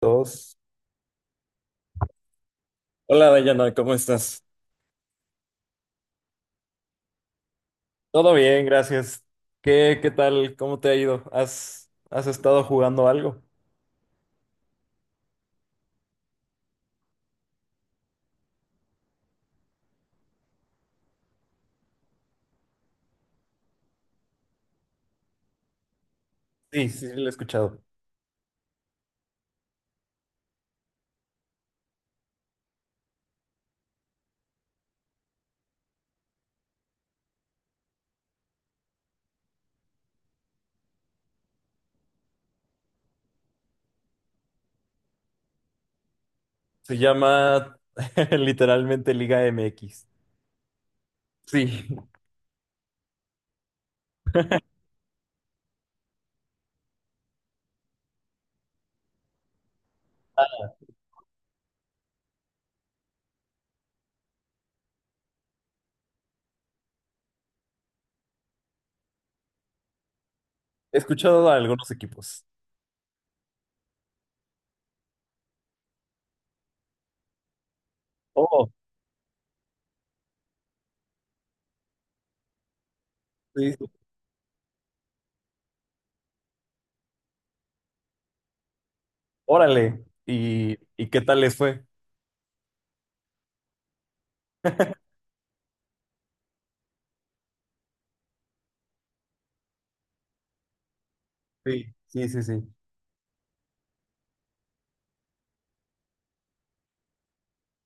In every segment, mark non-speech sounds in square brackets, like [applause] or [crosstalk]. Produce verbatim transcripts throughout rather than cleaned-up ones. Dos. Hola Dayana, ¿cómo estás? Todo bien, gracias. ¿Qué, qué tal? ¿Cómo te ha ido? ¿Has, has estado jugando algo? Sí, sí, lo he escuchado. Se llama [laughs] literalmente Liga M X. Sí. He escuchado a algunos equipos. Oh, sí, sí. Órale. ¿Y, y qué tal les fue? Sí, sí, sí, sí.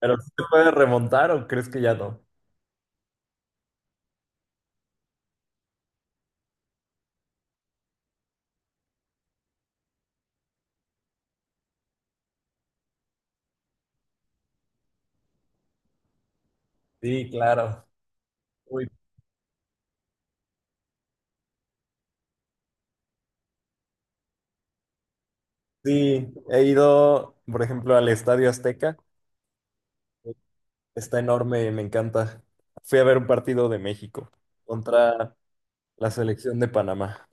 ¿Pero sí se puede remontar o crees que ya no? Sí, claro. Uy, sí, he ido, por ejemplo, al Estadio Azteca. Está enorme, me encanta. Fui a ver un partido de México contra la selección de Panamá.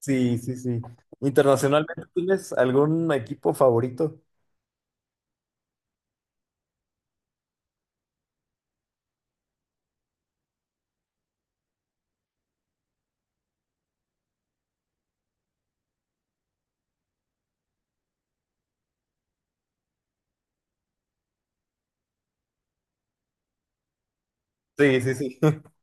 Sí, sí, sí. Internacionalmente, ¿tienes algún equipo favorito? Sí, sí, sí. [laughs]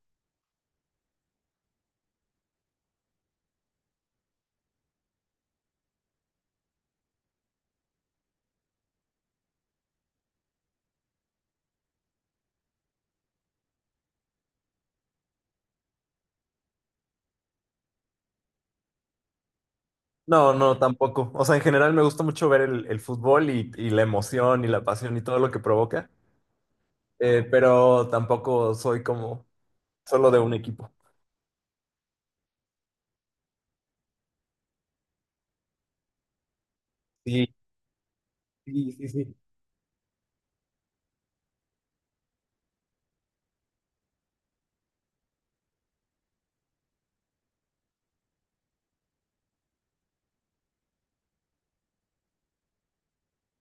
No, no, tampoco. O sea, en general me gusta mucho ver el, el fútbol y, y la emoción y la pasión y todo lo que provoca. Eh, pero tampoco soy como solo de un equipo. Sí, sí, sí, sí.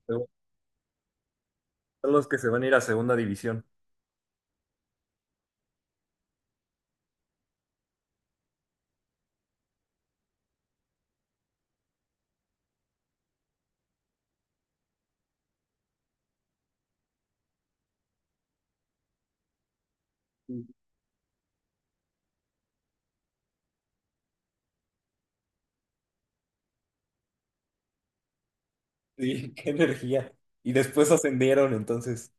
Son los que se van a ir a segunda división. Sí, [laughs] qué energía. Y después ascendieron, entonces.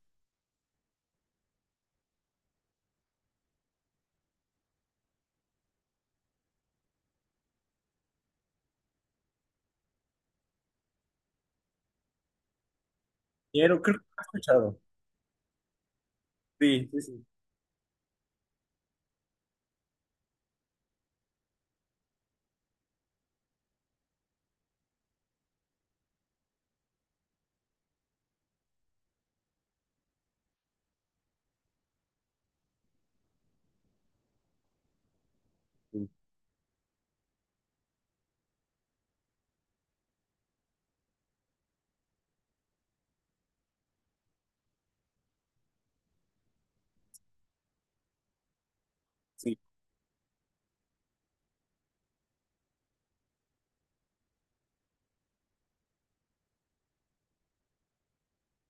Quiero, creo que lo he escuchado. Sí, sí, sí, sí, sí.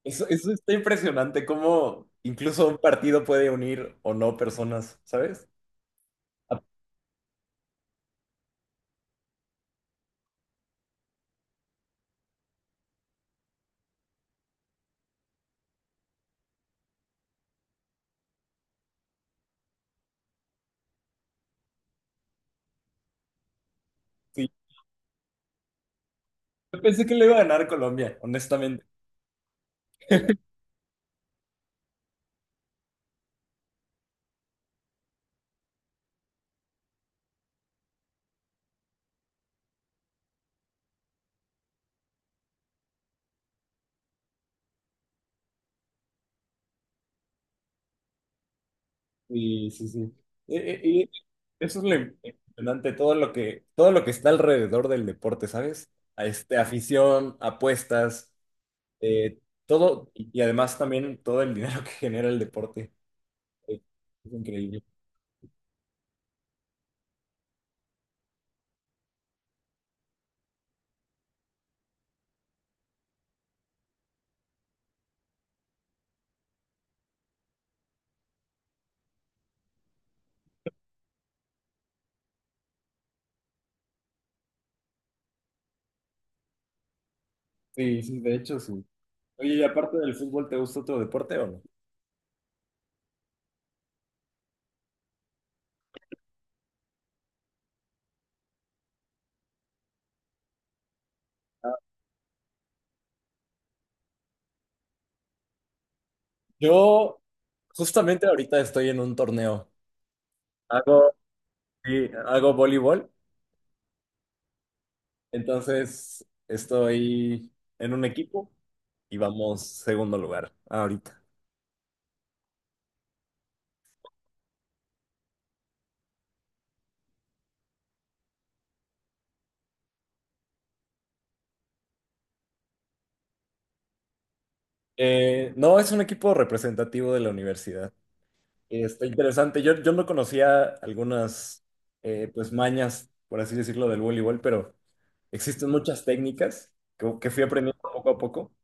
Eso, eso está impresionante, cómo incluso un partido puede unir o no personas, ¿sabes? Ah, sí. Yo pensé que le iba a ganar Colombia, honestamente. Sí, sí, sí. E- e- Y eso es lo impresionante, todo lo que, todo lo que está alrededor del deporte, ¿sabes? A este, afición, apuestas, eh, todo, y y además también todo el dinero [laughs] que genera el deporte. Eh, Es increíble. Sí, sí, de hecho, sí. Oye, y aparte del fútbol, ¿te gusta otro deporte o no? Yo justamente ahorita estoy en un torneo. Hago, sí, hago voleibol, entonces estoy en un equipo y vamos segundo lugar ahorita. Eh, no, es un equipo representativo de la universidad. Eh, Está interesante. Yo, yo no conocía algunas eh, pues mañas, por así decirlo, del voleibol, pero existen muchas técnicas que, que fui aprendiendo poco a poco.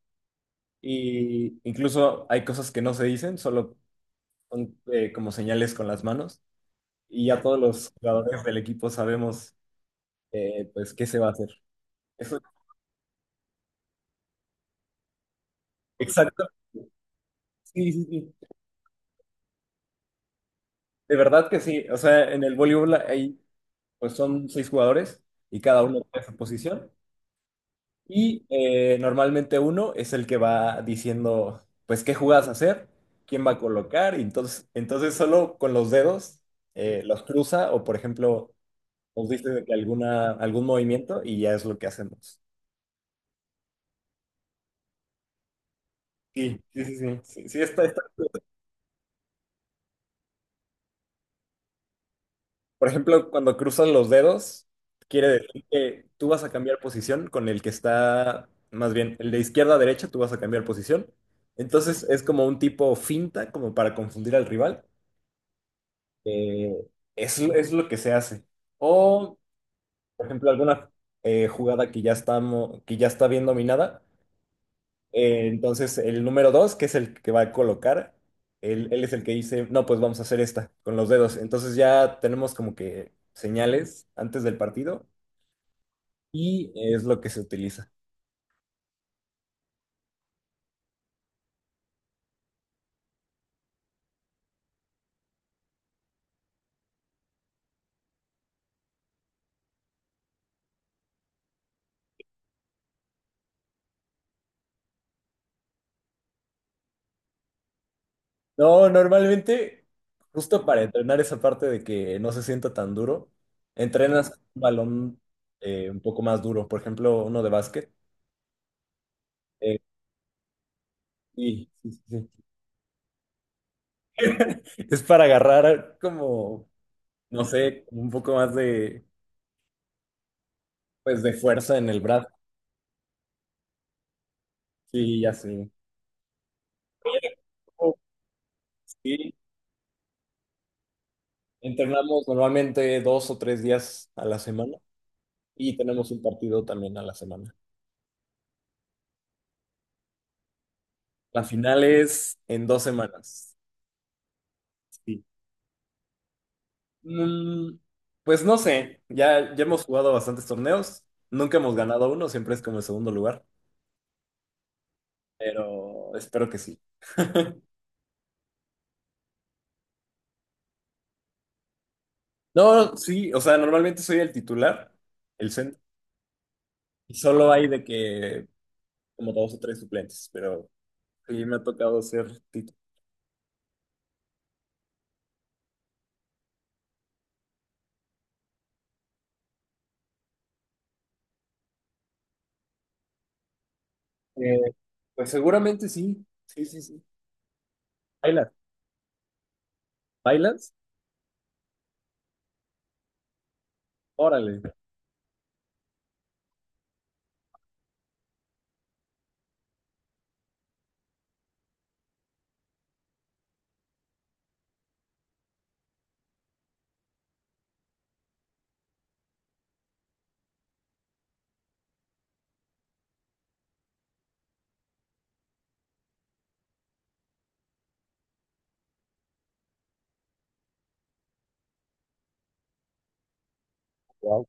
Y incluso hay cosas que no se dicen, solo son eh, como señales con las manos. Y ya todos los jugadores del equipo sabemos, eh, pues, qué se va a hacer. Eso, exacto. Sí, sí, sí. De verdad que sí. O sea, en el voleibol hay, pues, son seis jugadores y cada uno tiene su posición. Y eh, normalmente uno es el que va diciendo, pues, qué jugadas hacer, quién va a colocar. Y entonces, entonces solo con los dedos eh, los cruza o, por ejemplo nos diste de que alguna, algún movimiento y ya es lo que hacemos. Sí, sí, sí, sí. Sí, sí, está- está. Por ejemplo, cuando cruzan los dedos, quiere decir que tú vas a cambiar posición con el que está, más bien, el de izquierda a derecha, tú vas a cambiar posición. Entonces es como un tipo finta, como para confundir al rival. Eh, es, es lo que se hace. O, por ejemplo, alguna eh, jugada que ya estamos, que ya está bien dominada. Eh, entonces, el número dos, que es el que va a colocar, él, él es el que dice, no, pues vamos a hacer esta con los dedos. Entonces ya tenemos como que señales antes del partido y es lo que se utiliza. No, normalmente, justo para entrenar esa parte de que no se sienta tan duro, entrenas un balón eh, un poco más duro, por ejemplo, uno de básquet. Eh, sí, sí, sí. Sí. [laughs] Es para agarrar como, no sé, un poco más de, pues, de fuerza en el brazo. Sí, ya sé. Oh, sí, entrenamos normalmente dos o tres días a la semana y tenemos un partido también a la semana. La final es en dos semanas. Sí. Mm, pues no sé, ya, ya hemos jugado bastantes torneos, nunca hemos ganado uno, siempre es como el segundo lugar, pero espero que sí. [laughs] No, sí, o sea, normalmente soy el titular, el centro, y solo hay de que como dos o tres suplentes, pero sí me ha tocado ser titular. Eh, pues seguramente sí, sí, sí, sí. ¿Bailas? ¿Bailas? Órale. Wow.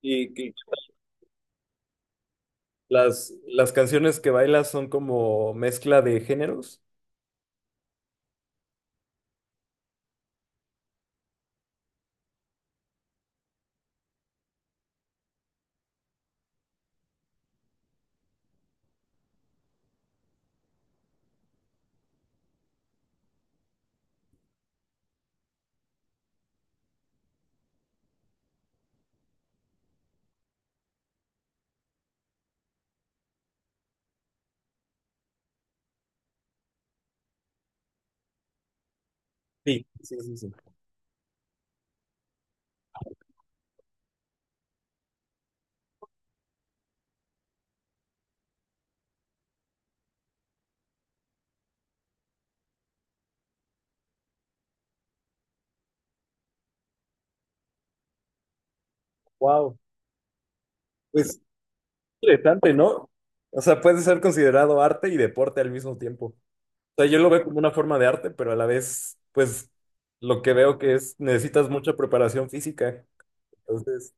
¿Y que las, las canciones que bailas son como mezcla de géneros? Sí, sí, sí, sí. Wow. Pues interesante, ¿no? O sea, puede ser considerado arte y deporte al mismo tiempo. O sea, yo lo veo como una forma de arte, pero a la vez, pues lo que veo que es, necesitas mucha preparación física. Entonces,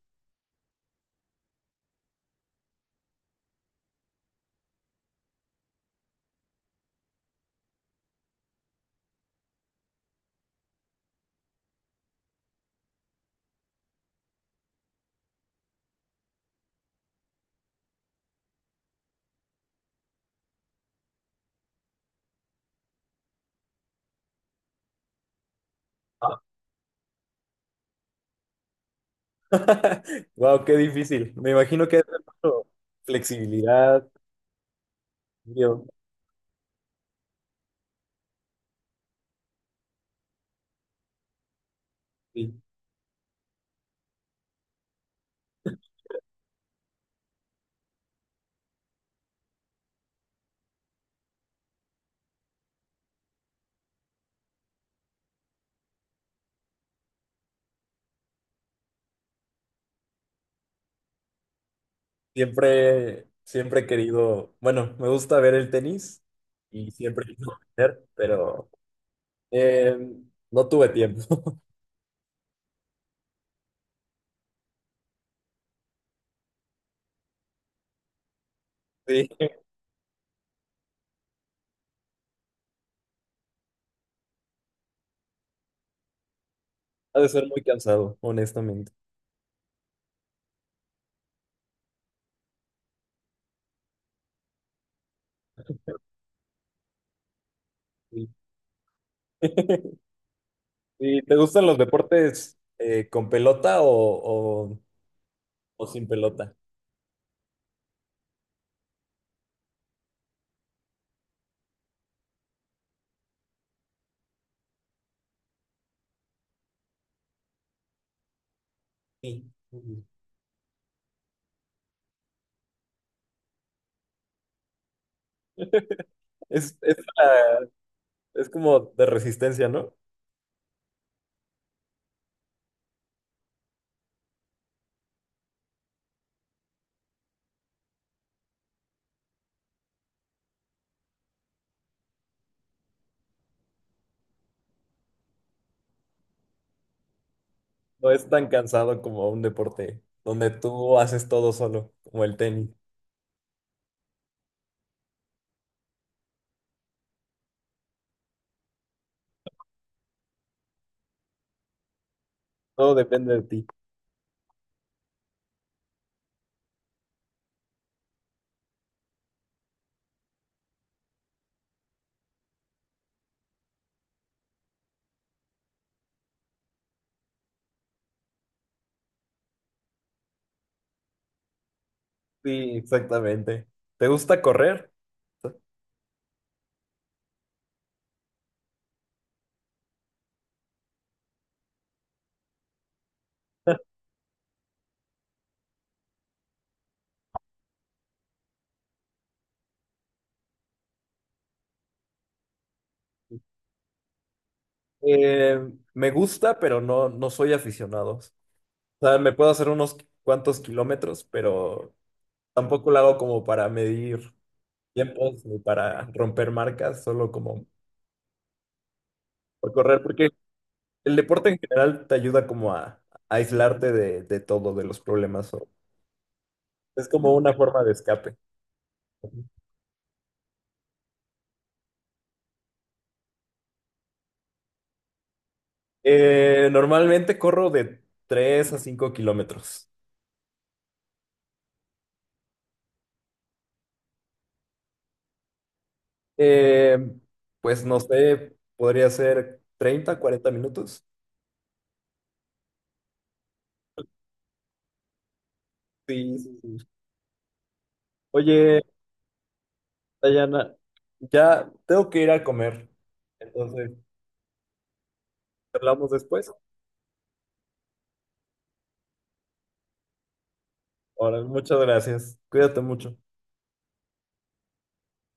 wow, [laughs] qué difícil. Me imagino que hay mucho flexibilidad. Sí. Siempre, siempre he querido, bueno, me gusta ver el tenis y siempre quise aprender, pero eh, no tuve tiempo. [laughs] Sí, ha de ser muy cansado, honestamente. Sí. [laughs] Sí, ¿te gustan los deportes eh, con pelota o, o- o sin pelota? Sí. Es, es, la- es como de resistencia, ¿no? No es tan cansado como un deporte donde tú haces todo solo, como el tenis. Todo depende de ti. Sí, exactamente. ¿Te gusta correr? Eh, me gusta, pero no, no soy aficionado. O sea, me puedo hacer unos cuantos kilómetros, pero tampoco lo hago como para medir tiempos ni para romper marcas, solo como por correr, porque el deporte en general te ayuda como a, a aislarte de, de todo, de los problemas. o- Es como una forma de escape. Eh, normalmente corro de tres a cinco kilómetros. Eh, pues no sé, podría ser treinta, cuarenta minutos. Sí, sí, sí. Oye, Dayana, ya tengo que ir a comer. Entonces, hablamos después. Ahora, muchas gracias. Cuídate mucho.